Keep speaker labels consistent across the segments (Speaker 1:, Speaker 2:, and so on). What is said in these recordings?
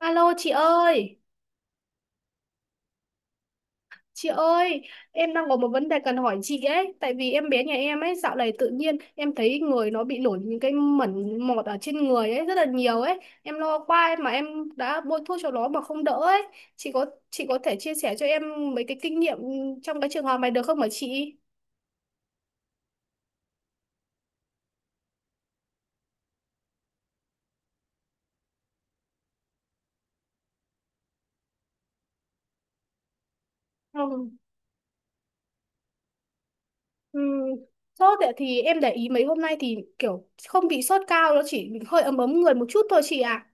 Speaker 1: Alo chị ơi, em đang có một vấn đề cần hỏi chị ấy, tại vì em bé nhà em ấy dạo này tự nhiên em thấy người nó bị nổi những cái mẩn mọt ở trên người ấy rất là nhiều ấy, em lo quá ấy, mà em đã bôi thuốc cho nó mà không đỡ ấy. Chị có thể chia sẻ cho em mấy cái kinh nghiệm trong cái trường hợp này được không hả chị? Ừ. Ừ. Sốt ấy, thì em để ý mấy hôm nay thì kiểu không bị sốt cao, nó chỉ hơi ấm ấm người một chút thôi chị ạ.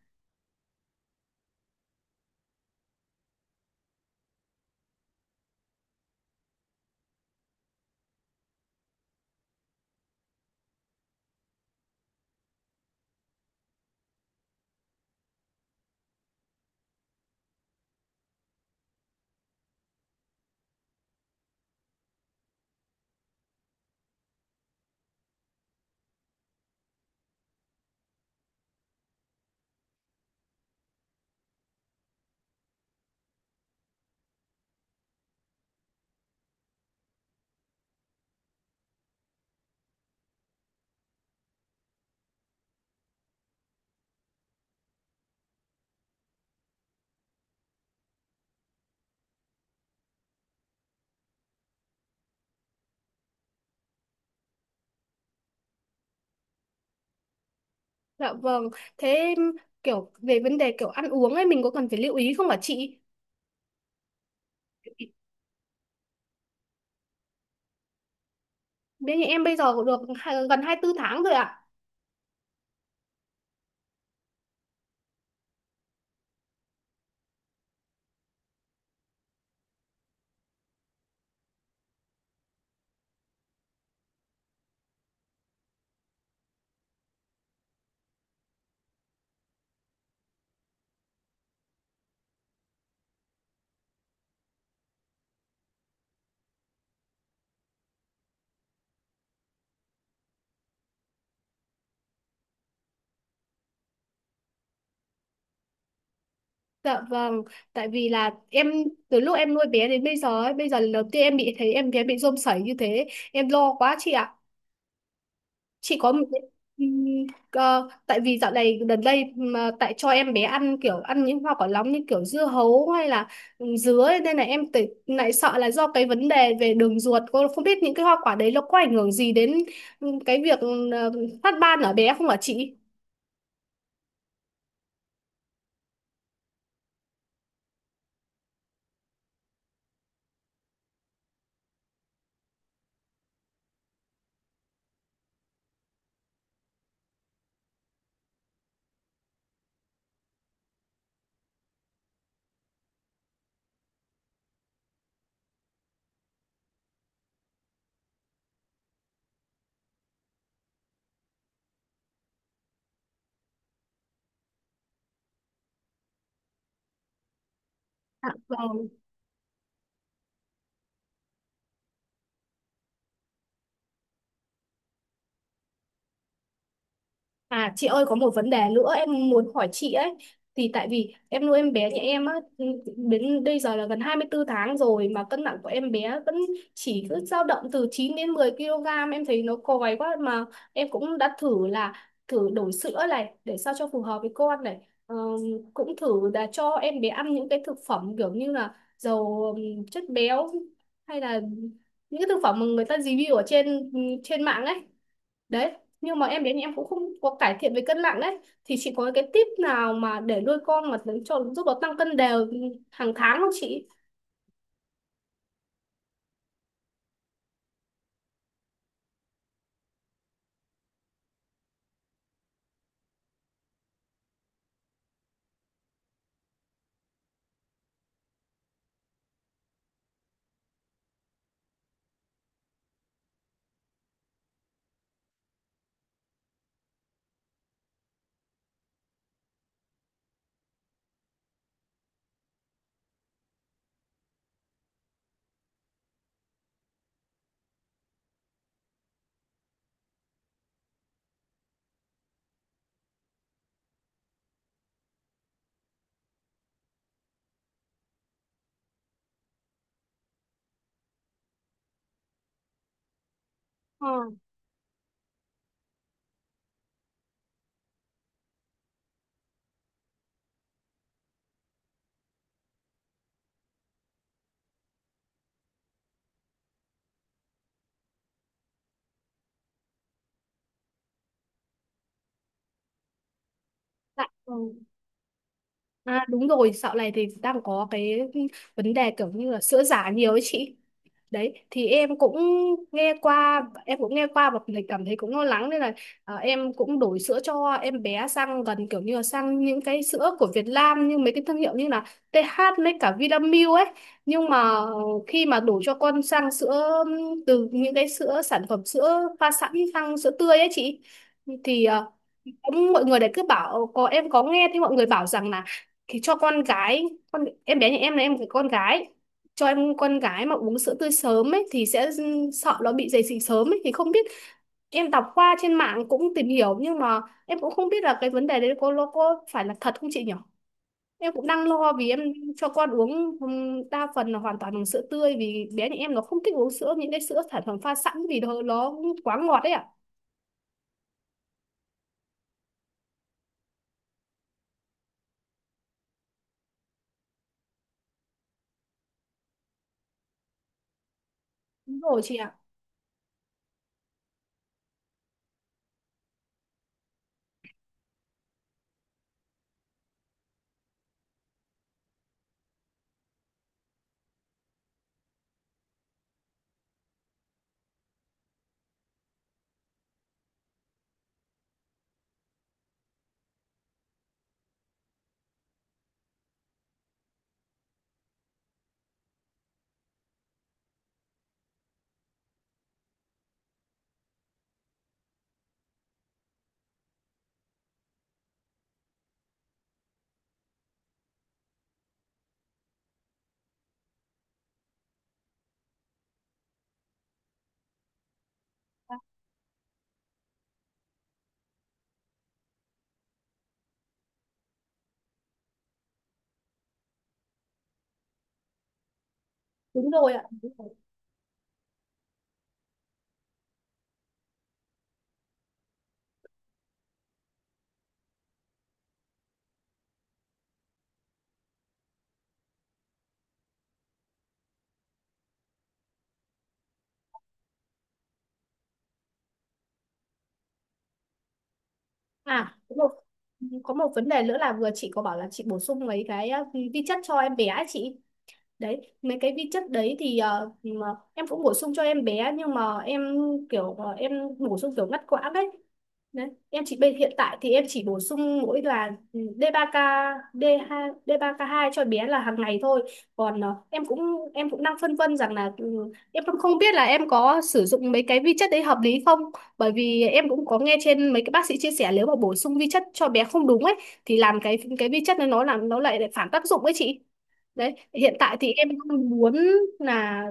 Speaker 1: Dạ vâng, thế kiểu về vấn đề kiểu ăn uống ấy mình có cần phải lưu ý không hả chị? Bên nhà em bây giờ cũng được gần 24 tháng rồi ạ. Dạ vâng, tại vì là em từ lúc em nuôi bé đến bây giờ ấy, bây giờ lần đầu tiên em bị thấy em bé bị rôm sảy như thế, em lo quá chị ạ. Chị có một cái ừm, ờ, Tại vì dạo này gần đây mà tại cho em bé ăn kiểu ăn những hoa quả nóng như kiểu dưa hấu hay là dứa ấy, nên là em lại sợ là do cái vấn đề về đường ruột, cô không biết những cái hoa quả đấy nó có ảnh hưởng gì đến cái việc phát ban ở bé không hả chị? Dạ vâng. À chị ơi, có một vấn đề nữa em muốn hỏi chị ấy, thì tại vì em nuôi em bé nhà em á, đến bây giờ là gần 24 tháng rồi mà cân nặng của em bé vẫn chỉ cứ dao động từ 9 đến 10 kg, em thấy nó còi quá. Mà em cũng đã thử là thử đổi sữa này để sao cho phù hợp với con này. Ờ, Cũng thử là cho em bé ăn những cái thực phẩm kiểu như là dầu chất béo, hay là những cái thực phẩm mà người ta review ở trên trên mạng ấy đấy. Nhưng mà em đến thì em cũng không có cải thiện về cân nặng đấy. Thì chị có cái tip nào mà để nuôi con mà cho giúp nó tăng cân đều hàng tháng không chị? Ờ, dạ, ừ. À đúng rồi, dạo này thì đang có cái vấn đề kiểu như là sữa giả nhiều ấy chị. Đấy thì em cũng nghe qua và mình cảm thấy cũng lo lắng, nên là em cũng đổi sữa cho em bé sang gần kiểu như là sang những cái sữa của Việt Nam như mấy cái thương hiệu như là TH với cả Vinamilk ấy. Nhưng mà khi mà đổi cho con sang sữa từ những cái sữa sản phẩm sữa pha sẵn sang sữa tươi ấy chị, thì cũng mọi người đấy cứ bảo, có em có nghe thì mọi người bảo rằng là thì cho con gái, con em bé nhà em là con gái, cho em con gái mà uống sữa tươi sớm ấy thì sẽ sợ nó bị dậy thì sớm ấy, thì không biết. Em đọc qua trên mạng cũng tìm hiểu nhưng mà em cũng không biết là cái vấn đề đấy có nó có phải là thật không chị nhỉ? Em cũng đang lo vì em cho con uống đa phần là hoàn toàn bằng sữa tươi, vì bé nhà em nó không thích uống sữa, những cái sữa sản phẩm pha sẵn vì nó quá ngọt đấy ạ. Đúng rồi chị ạ. Đúng rồi ạ, đúng rồi. À đúng rồi, có một vấn đề nữa là vừa chị có bảo là chị bổ sung mấy cái vi chất cho em bé ấy chị. Đấy mấy cái vi chất đấy thì mà em cũng bổ sung cho em bé nhưng mà em kiểu em bổ sung kiểu ngắt quãng đấy. Đấy em chỉ hiện tại thì em chỉ bổ sung mỗi là D3K D2 D3K2 cho bé là hàng ngày thôi. Còn em cũng đang phân vân rằng là em cũng không biết là em có sử dụng mấy cái vi chất đấy hợp lý không, bởi vì em cũng có nghe trên mấy cái bác sĩ chia sẻ nếu mà bổ sung vi chất cho bé không đúng ấy thì làm cái vi chất này nó làm nó lại lại phản tác dụng ấy chị. Đấy, hiện tại thì em đang muốn là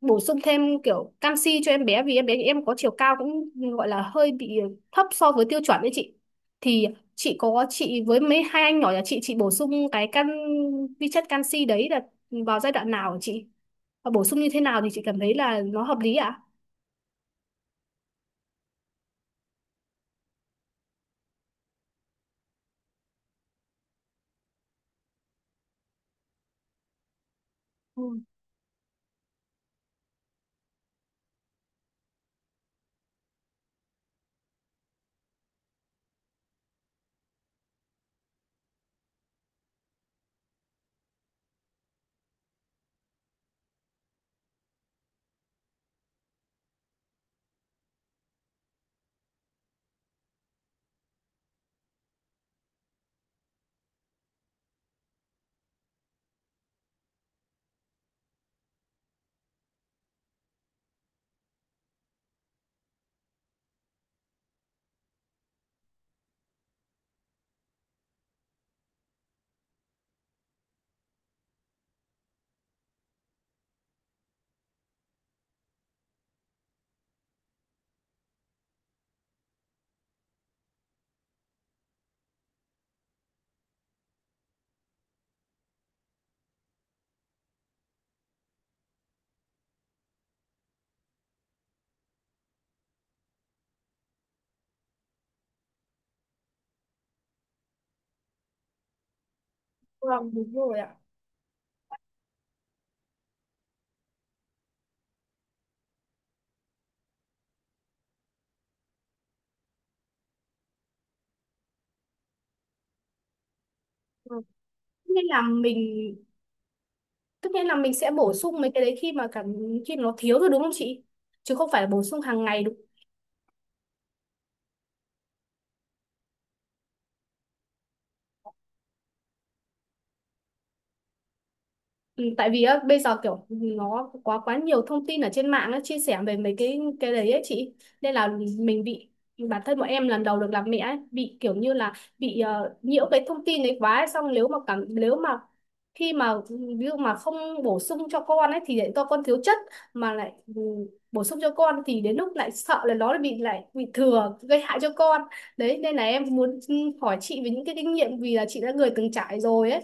Speaker 1: bổ sung thêm kiểu canxi cho em bé, vì em bé em có chiều cao cũng gọi là hơi bị thấp so với tiêu chuẩn đấy chị. Thì chị với mấy hai anh nhỏ nhà chị bổ sung cái vi chất canxi đấy là vào giai đoạn nào hả chị? Và bổ sung như thế nào thì chị cảm thấy là nó hợp lý ạ? Ừ, vâng đúng rồi ạ. Ừ. Tức nghĩa là mình tức nghĩa là mình sẽ bổ sung mấy cái đấy khi mà cảm khi nó thiếu rồi đúng không chị? Chứ không phải bổ sung hàng ngày. Ừ, tại vì á, bây giờ kiểu nó quá quá nhiều thông tin ở trên mạng á, chia sẻ về mấy cái đấy ấy chị, nên là mình bị, bản thân bọn em lần đầu được làm mẹ ấy, bị kiểu như là bị nhiễu cái thông tin đấy quá ấy. Xong nếu mà cảm nếu mà khi mà ví dụ mà không bổ sung cho con ấy thì lại cho con thiếu chất, mà lại bổ sung cho con thì đến lúc lại sợ là nó lại bị thừa gây hại cho con. Đấy nên là em muốn hỏi chị về những cái kinh nghiệm vì là chị đã người từng trải rồi ấy.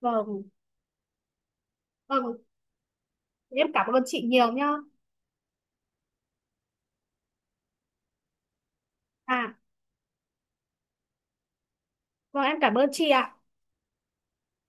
Speaker 1: Vâng. Vâng, em cảm ơn chị nhiều nhá. À, vâng em cảm ơn chị ạ.